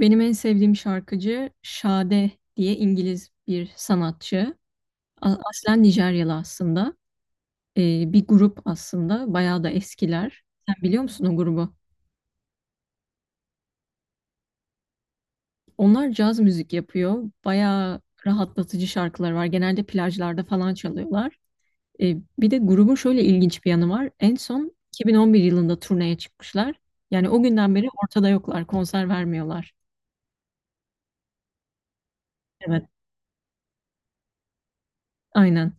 Benim en sevdiğim şarkıcı Sade diye İngiliz bir sanatçı. Aslen Nijeryalı aslında. Bir grup aslında. Bayağı da eskiler. Sen biliyor musun o grubu? Onlar caz müzik yapıyor. Bayağı rahatlatıcı şarkılar var. Genelde plajlarda falan çalıyorlar. Bir de grubun şöyle ilginç bir yanı var. En son 2011 yılında turneye çıkmışlar. Yani o günden beri ortada yoklar. Konser vermiyorlar. Evet. Aynen.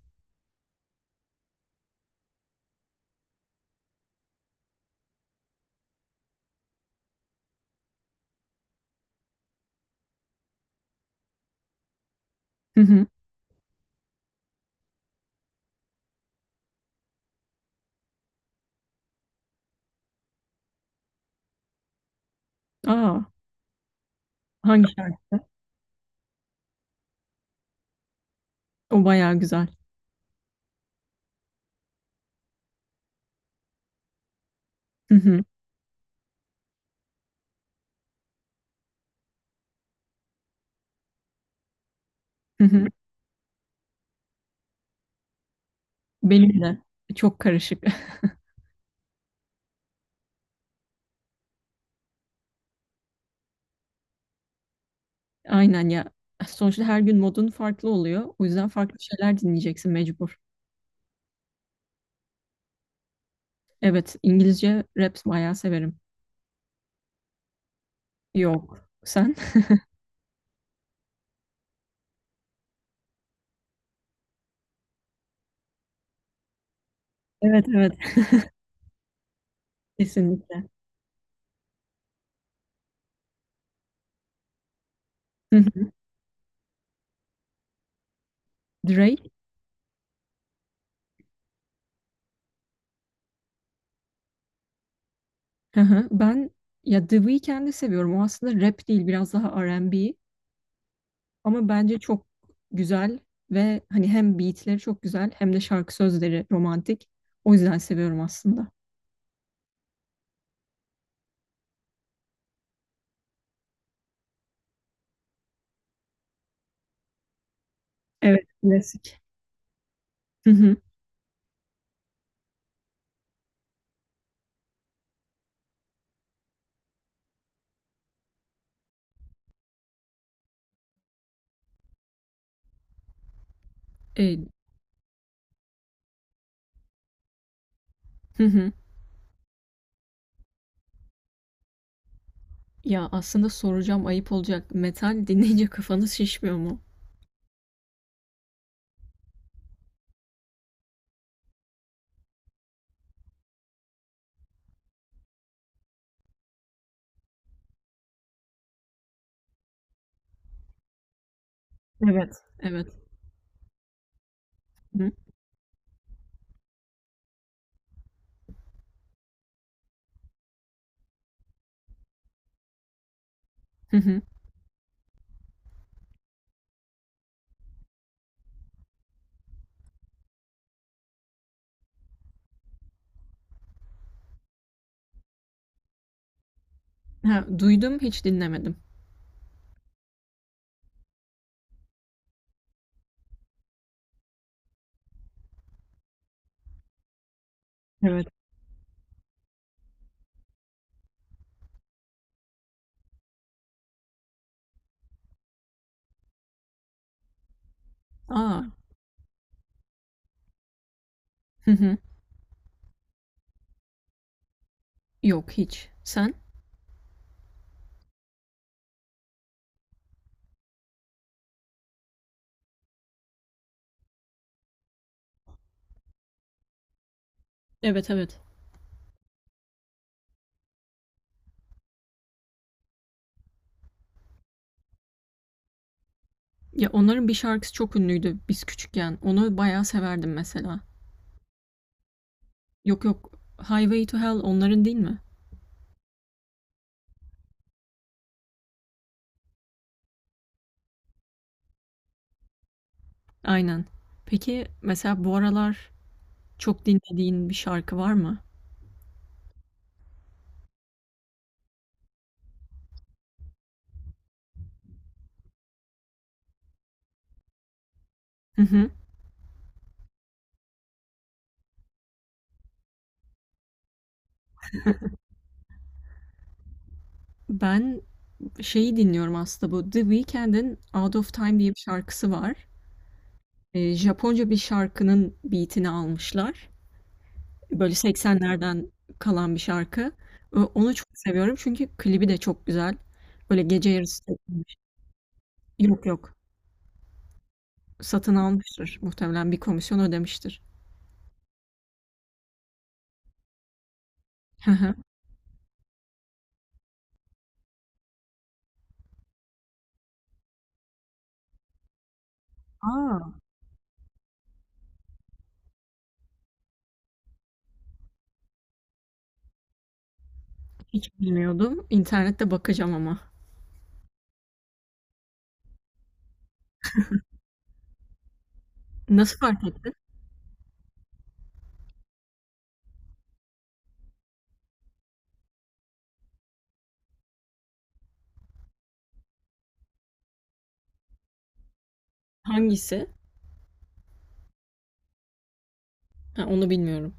Hı hı. Aa, hangi şarkı? O bayağı güzel. Hı hı. Hı hı. Benim de çok karışık. Aynen ya. Sonuçta her gün modun farklı oluyor. O yüzden farklı şeyler dinleyeceksin mecbur. Evet, İngilizce rap bayağı severim. Yok. Sen? Evet, evet. Kesinlikle. Hı hı. Drake. Hı hı. Ben ya The Weeknd'i seviyorum. O aslında rap değil, biraz daha R&B. Ama bence çok güzel ve hani hem beatleri çok güzel hem de şarkı sözleri romantik. O yüzden seviyorum aslında. Evet, klasik. Hı hı. E, hı hı. Ya, aslında soracağım, ayıp olacak. Metal dinleyince kafanız şişmiyor mu? Evet. Evet. Hı. Hı hı. Ha, duydum, hiç dinlemedim. Evet. Aa. Hı hı. Yok, hiç. Sen? Evet, evet. Ya, onların bir şarkısı çok ünlüydü biz küçükken. Onu bayağı severdim mesela. Yok, yok. Highway to Hell onların değil mi? Aynen. Peki, mesela bu aralar çok dinlediğin bir şarkı var mı? Hı hı. Ben şeyi dinliyorum aslında bu The Weeknd'in Out of Time diye bir şarkısı var. Japonca bir şarkının beat'ini almışlar. Böyle 80'lerden kalan bir şarkı. Onu çok seviyorum çünkü klibi de çok güzel. Böyle gece yarısı çekilmiş. Yok, yok. Satın almıştır. Muhtemelen bir komisyon ödemiştir. Hı hı. A! Hiç bilmiyordum. İnternette bakacağım ama. Nasıl fark ettin? Hangisi? Ha, onu bilmiyorum.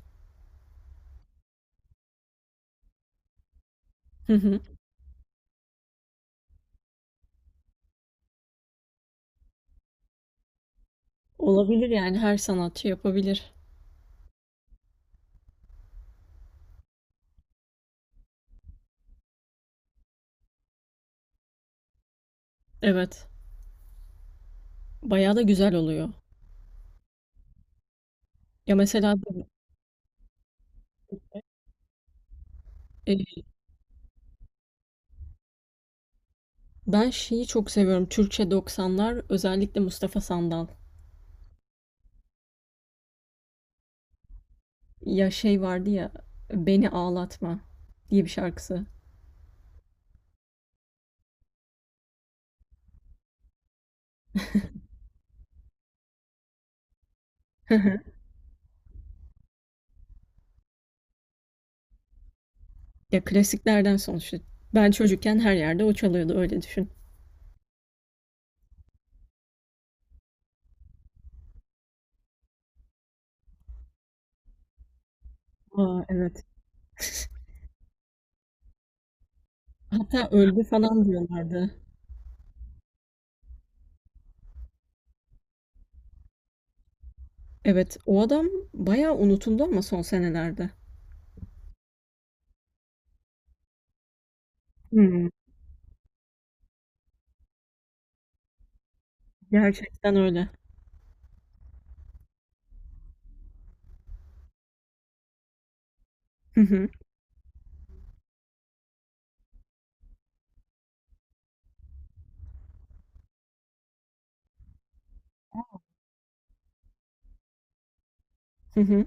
Hı hı. Olabilir yani her sanatçı yapabilir. Evet. Bayağı da güzel oluyor. Ya mesela ben şeyi çok seviyorum. Türkçe doksanlar, özellikle Mustafa Sandal. Ya şey vardı ya Beni Ağlatma diye bir şarkısı. Ya klasiklerden sonuçta. Ben çocukken her yerde o çalıyordu öyle düşün. Aa evet. Hatta öldü falan diyorlardı. Evet o adam bayağı unutuldu ama son senelerde. Hmm, gerçekten öyle. Hı hı, hı hı,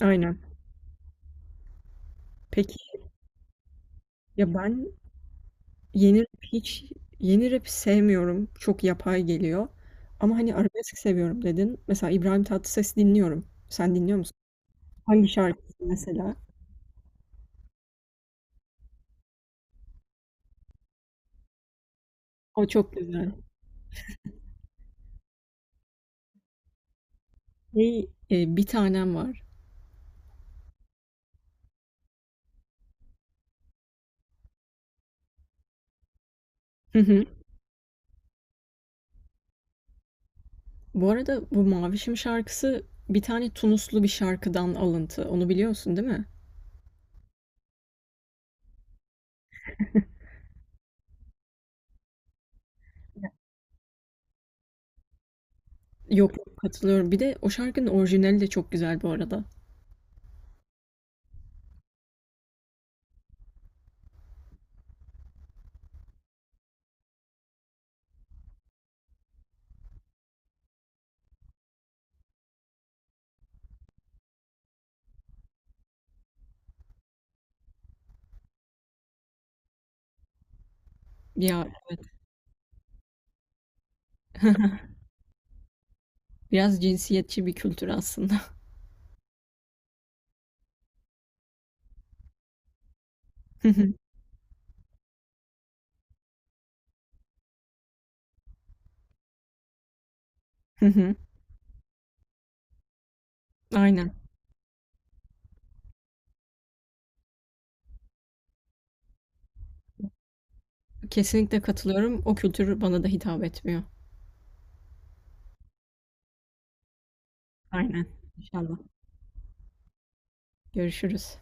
aynen. Peki ya ben yeni rap hiç yeni rap'i sevmiyorum. Çok yapay geliyor. Ama, hani, arabesk seviyorum dedin. Mesela İbrahim Tatlıses dinliyorum. Sen dinliyor musun? Hangi şarkısı mesela? O çok güzel. Şey, Bir Tanem var. Hı hı. Bu arada bu Mavişim şarkısı bir tane Tunuslu bir şarkıdan alıntı. Onu biliyorsun değil mi? Ya. Yok, yok, katılıyorum. Bir de o şarkının orijinali de çok güzel bu arada. Ya biraz cinsiyetçi bir kültür aslında. Hı hı. Hı hı. Aynen. Kesinlikle katılıyorum. O kültür bana da hitap etmiyor. Aynen. İnşallah. Görüşürüz.